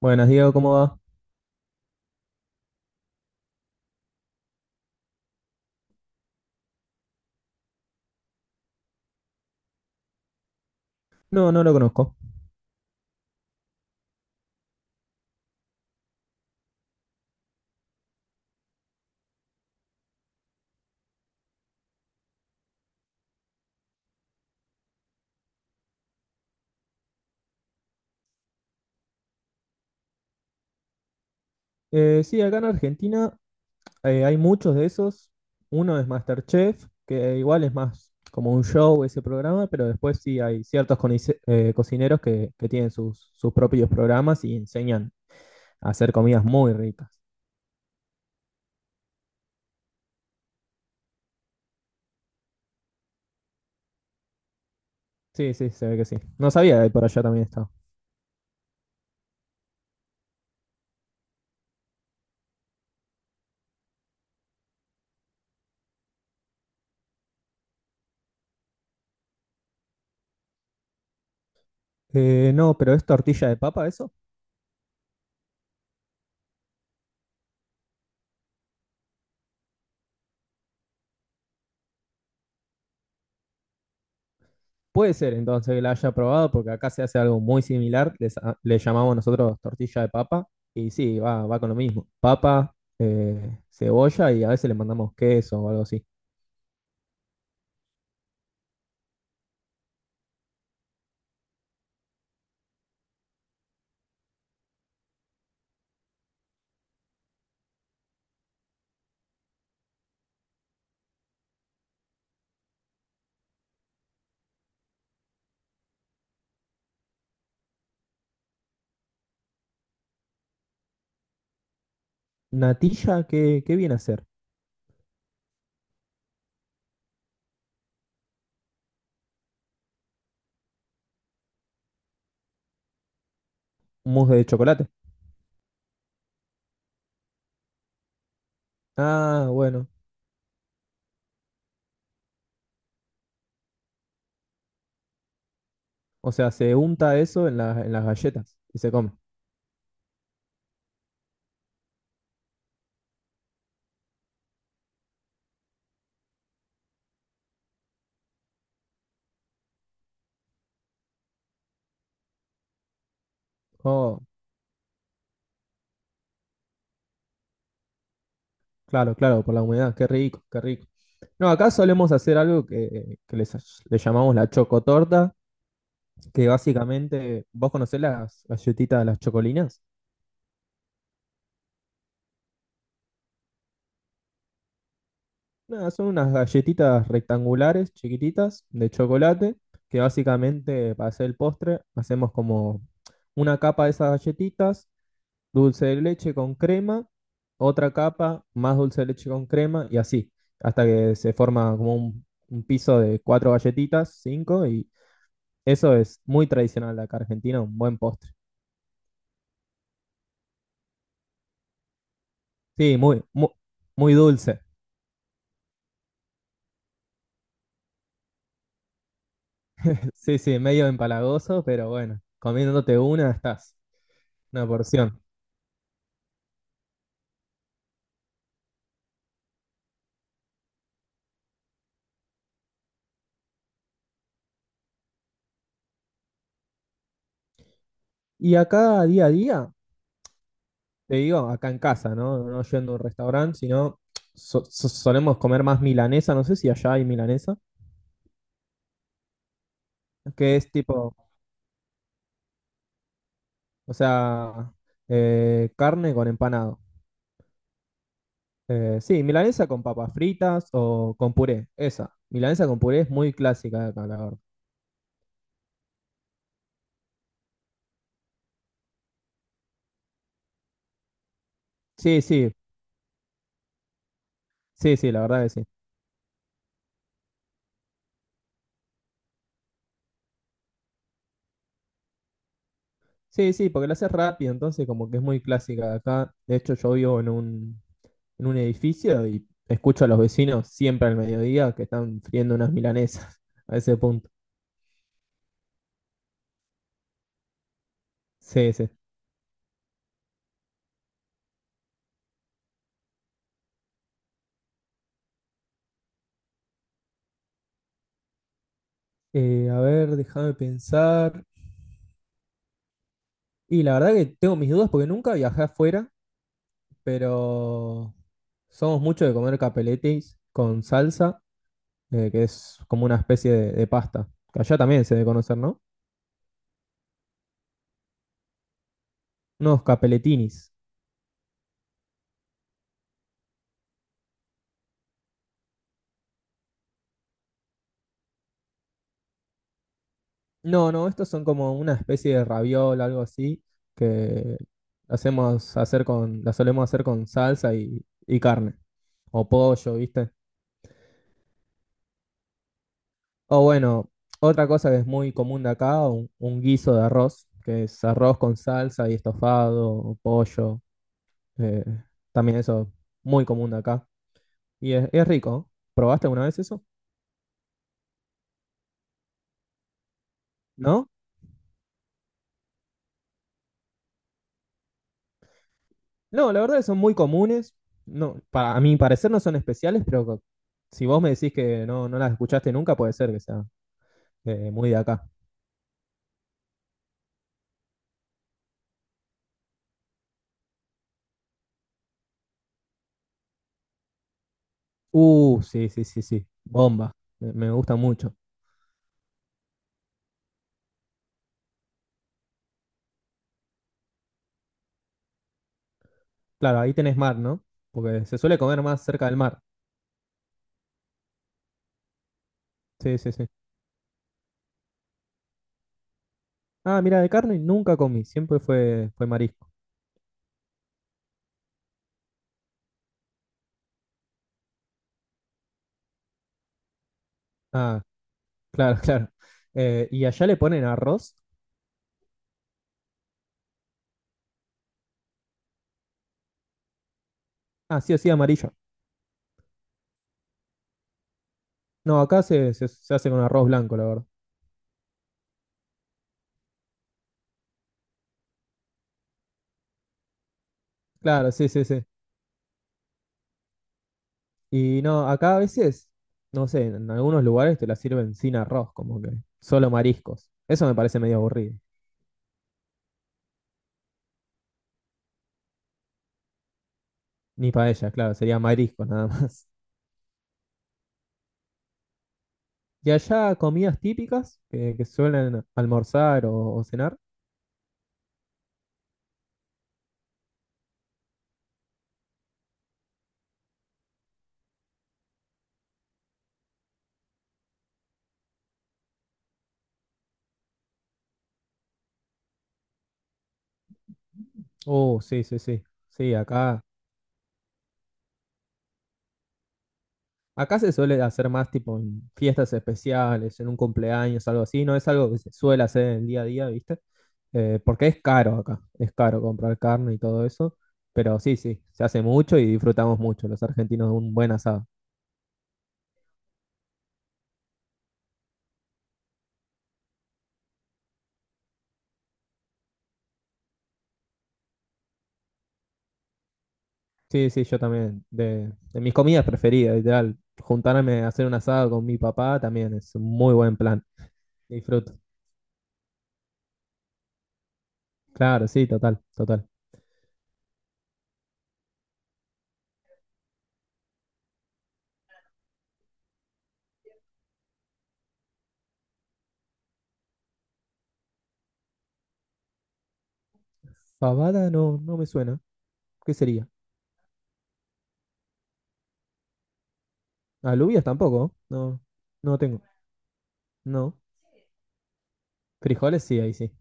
Buenas, Diego, ¿cómo va? No, no lo conozco. Sí, acá en Argentina hay muchos de esos. Uno es MasterChef, que igual es más como un show ese programa, pero después sí hay ciertos cocineros que tienen sus propios programas y enseñan a hacer comidas muy ricas. Sí, sí, se ve que sí. No sabía que por allá también estaba. No, pero ¿es tortilla de papa eso? Puede ser entonces que la haya probado, porque acá se hace algo muy similar, le llamamos nosotros tortilla de papa, y sí, va, va con lo mismo, papa, cebolla y a veces le mandamos queso o algo así. Natilla, ¿ qué viene a ser? Mousse de chocolate. Ah, bueno, o sea, se unta eso en, en las galletas y se come. Oh, claro, claro, por la humedad, qué rico, qué rico. No, acá solemos hacer algo que le llamamos la chocotorta, que básicamente, ¿vos conocés las galletitas de las chocolinas? Nada, son unas galletitas rectangulares, chiquititas, de chocolate, que básicamente para hacer el postre hacemos como una capa de esas galletitas, dulce de leche con crema, otra capa, más dulce de leche con crema y así, hasta que se forma como un piso de cuatro galletitas, cinco, y eso es muy tradicional de acá Argentina, un buen postre. Sí, muy, muy, muy dulce. Sí, sí, medio empalagoso, pero bueno, comiéndote una estás, una porción. Y acá día a día, te digo, acá en casa, ¿no? No yendo a un restaurante, sino solemos comer más milanesa, no sé si allá hay milanesa, que es tipo, o sea, carne con empanado. Sí, milanesa con papas fritas o con puré, esa. Milanesa con puré es muy clásica de acá, la verdad. Sí, sí, sí, sí, la verdad que sí. Sí, sí, porque la haces rápido, entonces como que es muy clásica de acá. De hecho, yo vivo en en un edificio y escucho a los vecinos siempre al mediodía que están friendo unas milanesas a ese punto. Sí, sí. A ver, déjame pensar. Y la verdad que tengo mis dudas porque nunca viajé afuera, pero somos mucho de comer capeletis con salsa, que es como una especie de pasta. Que allá también se debe conocer, ¿no? Unos capeletinis. No, no, estos son como una especie de raviol, algo así, que hacemos hacer con, la solemos hacer con salsa y carne, o pollo, ¿viste? O bueno, otra cosa que es muy común de acá, un guiso de arroz, que es arroz con salsa y estofado, o pollo, eh, también eso, muy común de acá. Y es rico. ¿Eh? ¿Probaste alguna vez eso? ¿No? No, la verdad que son muy comunes. No, para, a mi parecer no son especiales, pero si vos me decís que no, no las escuchaste nunca, puede ser que sea muy de acá. Sí, sí, sí, sí. Bomba. Me gusta mucho. Claro, ahí tenés mar, ¿no? Porque se suele comer más cerca del mar. Sí, sí, sí. Ah, mira, de carne nunca comí. Siempre fue, fue marisco. Ah, claro, claro. ¿Y allá le ponen arroz? Ah, sí o sí, amarillo. No, acá se hace con arroz blanco, la verdad. Claro, sí, sí, sí. Y no, acá a veces, no sé, en algunos lugares te la sirven sin arroz, como que solo mariscos. Eso me parece medio aburrido. Ni paella, claro, sería mariscos nada más. Y allá comidas típicas que suelen almorzar o cenar. Oh, sí, sí, sí. Sí, acá. Acá se suele hacer más tipo en fiestas especiales, en un cumpleaños, algo así. No es algo que se suele hacer en el día a día, ¿viste? Porque es caro acá. Es caro comprar carne y todo eso. Pero sí, sí, se hace mucho y disfrutamos mucho los argentinos de un buen asado. Sí, sí, yo también. De mis comidas preferidas, ideal. Juntarme a hacer un asado con mi papá también es un muy buen plan. Disfruto. Claro, sí, total, total. Fabada no, no me suena. ¿Qué sería? Alubias tampoco. No, no tengo. No. Frijoles, sí, ahí sí.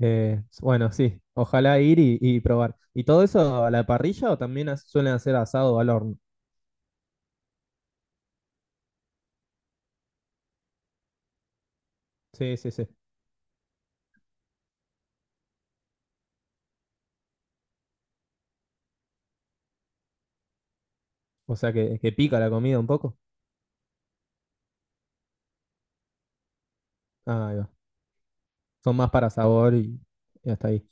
Bueno, sí, ojalá ir y probar. ¿Y todo eso a la parrilla o también suelen hacer asado al horno? Sí, sí, sí. O sea que pica la comida un poco. Ah, ahí va. Son más para sabor y hasta ahí.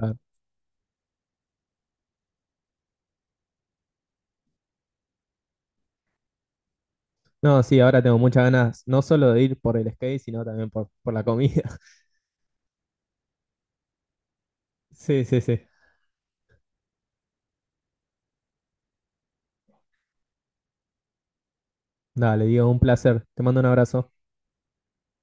Ah. No, sí, ahora tengo muchas ganas, no solo de ir por el skate, sino también por la comida. Sí, sí, sí. Dale, digo, un placer. Te mando un abrazo.